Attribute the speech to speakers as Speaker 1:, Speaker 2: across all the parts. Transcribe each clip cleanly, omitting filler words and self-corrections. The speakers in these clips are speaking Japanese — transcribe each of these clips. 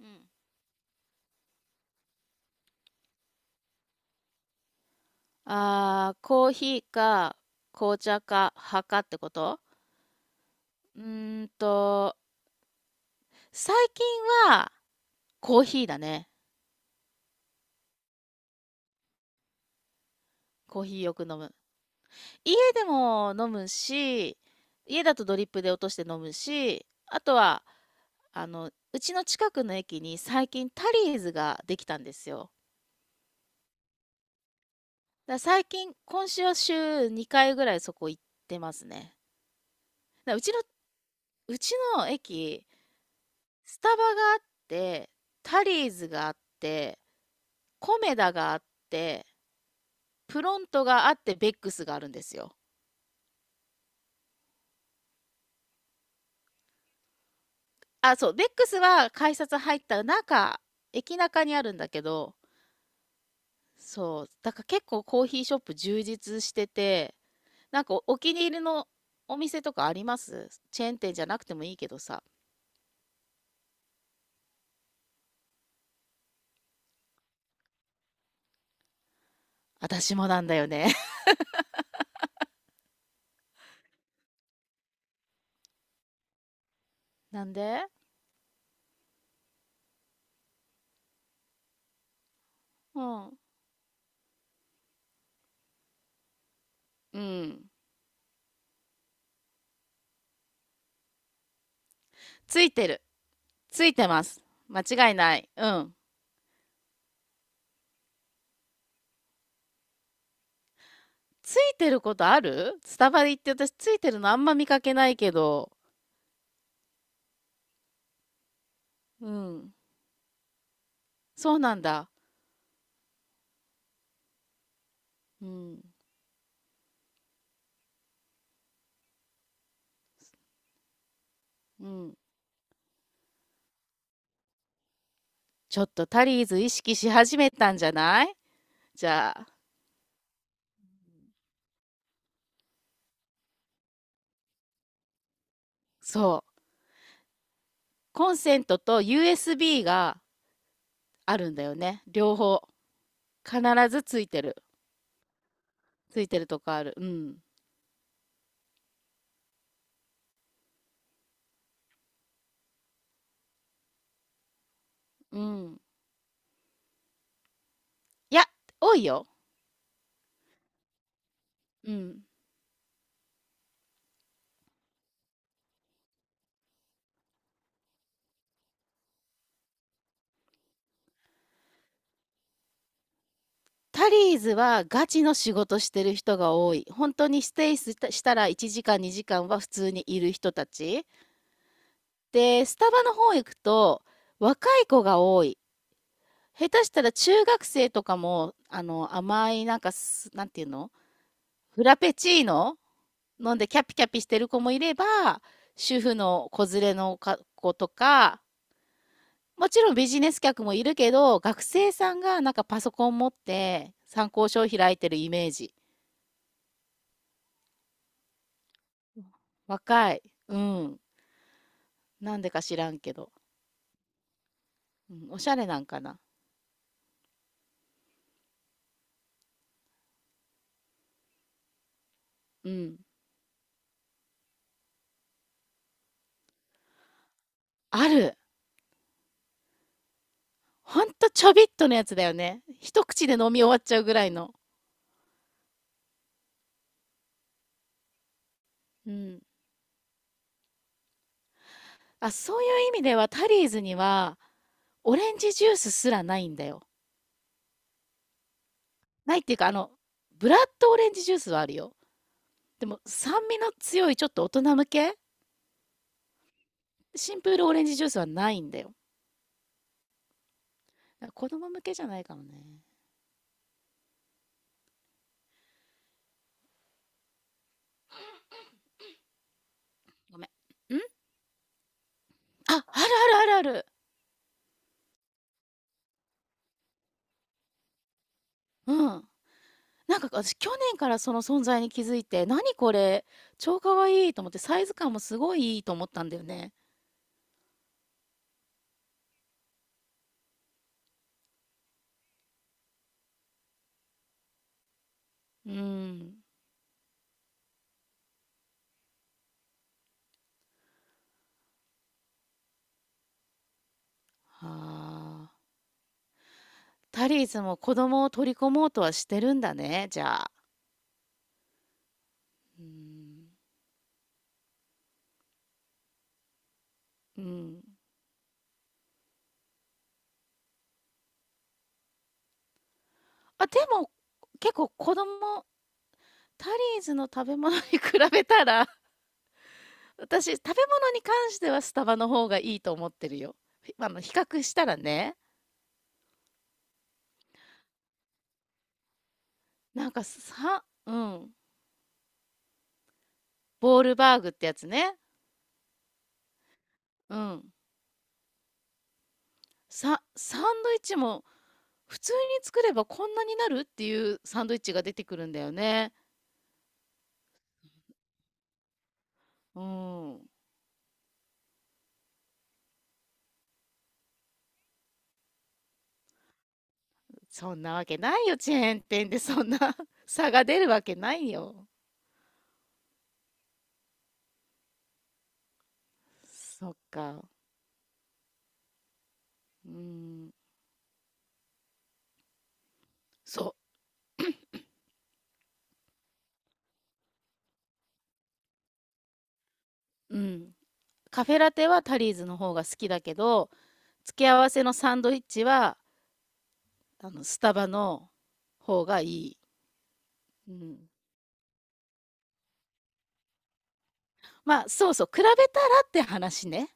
Speaker 1: うん。あー、コーヒーか紅茶か派かってことうーんと、最近はコーヒーだね。コーヒーよく飲む。家でも飲むし、家だとドリップで落として飲むし、あとは、あの、うちの近くの駅に最近タリーズができたんですよ。だから最近、今週は週2回ぐらいそこ行ってますね。だからうちの、うちの駅、スタバがあって、タリーズがあって、コメダがあって、プロントがあって、ベックスがあるんですよ。あ、そう、ベックスは改札入った中、駅中にあるんだけど、そう、だから結構コーヒーショップ充実してて、なんかお気に入りのお店とかありますチェーン店じゃなくてもいいけどさ。私もなんだよね。なんで？うん。うん。ついてる。ついてます。間違いない。うん。ついてることある？スタバで行って私ついてるのあんま見かけないけど。うん。そうなんだ。うん、うん。ちょっとタリーズ意識し始めたんじゃない？じゃあ、そう。コンセントと USB があるんだよね。両方。必ずついてる。ついてるとこある。うん。うん。いや、多いよ。うん。タリーズはガチの仕事してる人が多い。本当にステイしたしたら1時間2時間は普通にいる人たち。で、スタバの方行くと若い子が多い。下手したら中学生とかも、あの、甘い、なんかす、なんていうの？フラペチーノ飲んでキャピキャピしてる子もいれば、主婦の子連れのか子とか、もちろんビジネス客もいるけど、学生さんがなんかパソコン持って参考書を開いてるイメージ。若い。うん。なんでか知らんけど。うん、おしゃれなんかな。うん。ある。ほんとちょびっとのやつだよね。一口で飲み終わっちゃうぐらいの。うん。あ、そういう意味ではタリーズにはオレンジジュースすらないんだよ。ないっていうか、あの、ブラッドオレンジジュースはあるよ。でも酸味の強いちょっと大人向けシンプルオレンジジュースはないんだよ。だから子供向けじゃないかもね。ごめん。ん、あ、あるあるある。うん。なんか私去年からその存在に気づいて、何これ、超かわいいと思ってサイズ感もすごいいいと思ったんだよね。うん。はあ。タリーズも子供を取り込もうとはしてるんだね、じゃあ。うーん、うん。あ、でも、結構子供タリーズの食べ物に比べたら、私、食べ物に関してはスタバの方がいいと思ってるよ。ひあの、比較したらね、なんかさ、うん、ボールバーグってやつね。うん。さ、サンドイッチも普通に作ればこんなになるっていうサンドイッチが出てくるんだよね。うん。そんなわけないよ、チェーン店でそんな 差が出るわけないよ。そっか。うーん、そう、うん。カフェラテはタリーズの方が好きだけど、付け合わせのサンドイッチは、あの、スタバの方がいい。うん。まあ、そうそう、比べたらって話ね。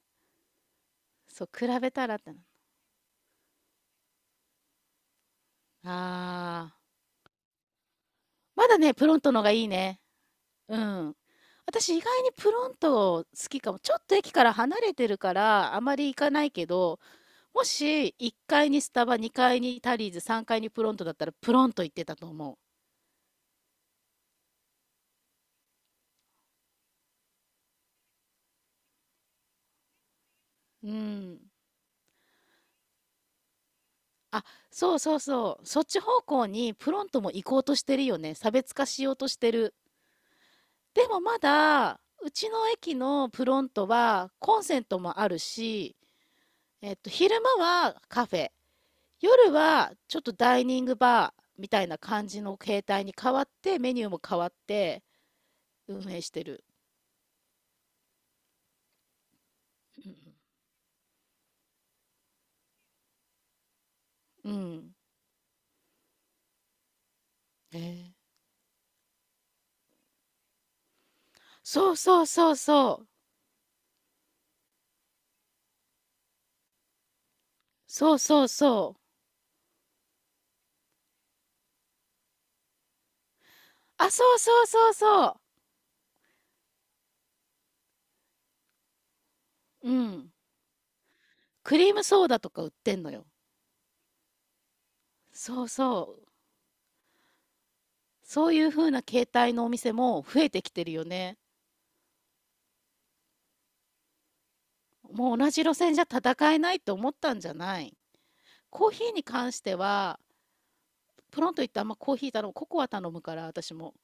Speaker 1: そう、比べたらってな。ああ、まだね、プロントのがいいね。うん。私、意外にプロント好きかも。ちょっと駅から離れてるから、あまり行かないけど、もし1階にスタバ、2階にタリーズ、3階にプロントだったら、プロント行ってたと思う。うん。あ、そうそうそう。そっち方向にプロントも行こうとしてるよね。差別化しようとしてる。でもまだ、うちの駅のプロントはコンセントもあるし、えっと、昼間はカフェ、夜はちょっとダイニングバーみたいな感じの形態に変わって、メニューも変わって運営してる。うん。へえ。そうそうそうそう。そうそうそう。あ、そうそうそうそう。うん。クリームソーダとか売ってんのよ。そうそう。そういう風な形態のお店も増えてきてるよね。もう同じ路線じゃ戦えないって思ったんじゃない？コーヒーに関しては、プロンと言ってあんまコーヒー頼む、ココア頼むから、私も。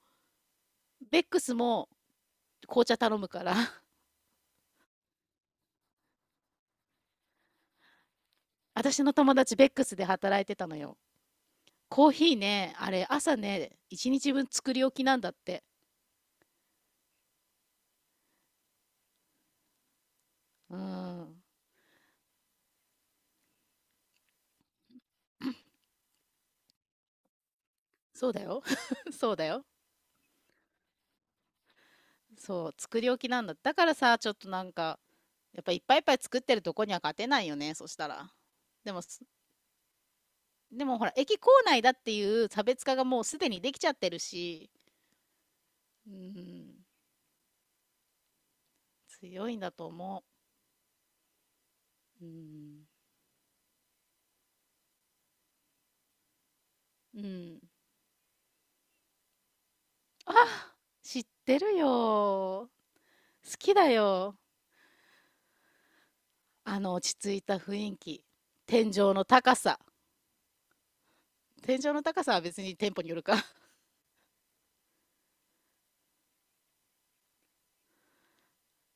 Speaker 1: ベックスも紅茶頼むから。私の友達ベックスで働いてたのよ。コーヒーね、あれ朝ね、一日分作り置きなんだって。うん。そうだよ。そうだよ。そう、作り置きなんだ。だからさ、ちょっとなんか、やっぱいっぱいいっぱい作ってるとこには勝てないよね、そしたら。でもでもほら、駅構内だっていう差別化がもうすでにできちゃってるし、うん、強いんだと思う。うん、うん。あ、知ってるよ。好きだよ。あの落ち着いた雰囲気。天井の高さ。天井の高さは別に店舗によるか。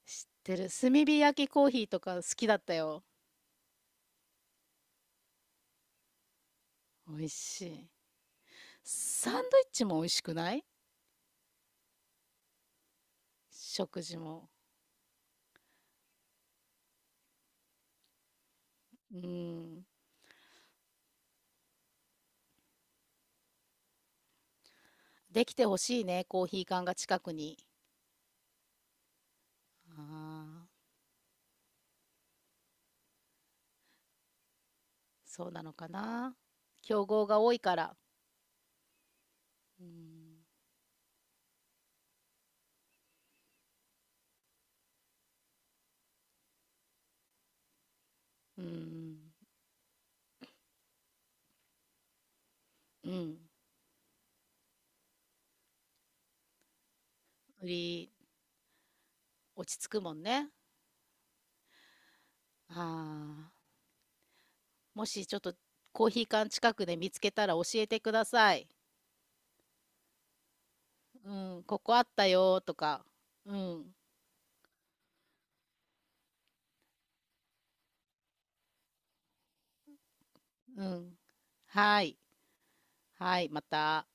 Speaker 1: 知ってる。炭火焼きコーヒーとか好きだったよ。美味しい。サンドイッチも美味しくない？食事も。うん。できてほしいね、コーヒー缶が近くに。ああ、そうなのかな。競合が多いから。うん。うん。うん。売り、落ち着くもんね。ああ。もしちょっとコーヒー缶近くで見つけたら教えてください。うん。ここあったよとか。うん。うん。はい。はい。また。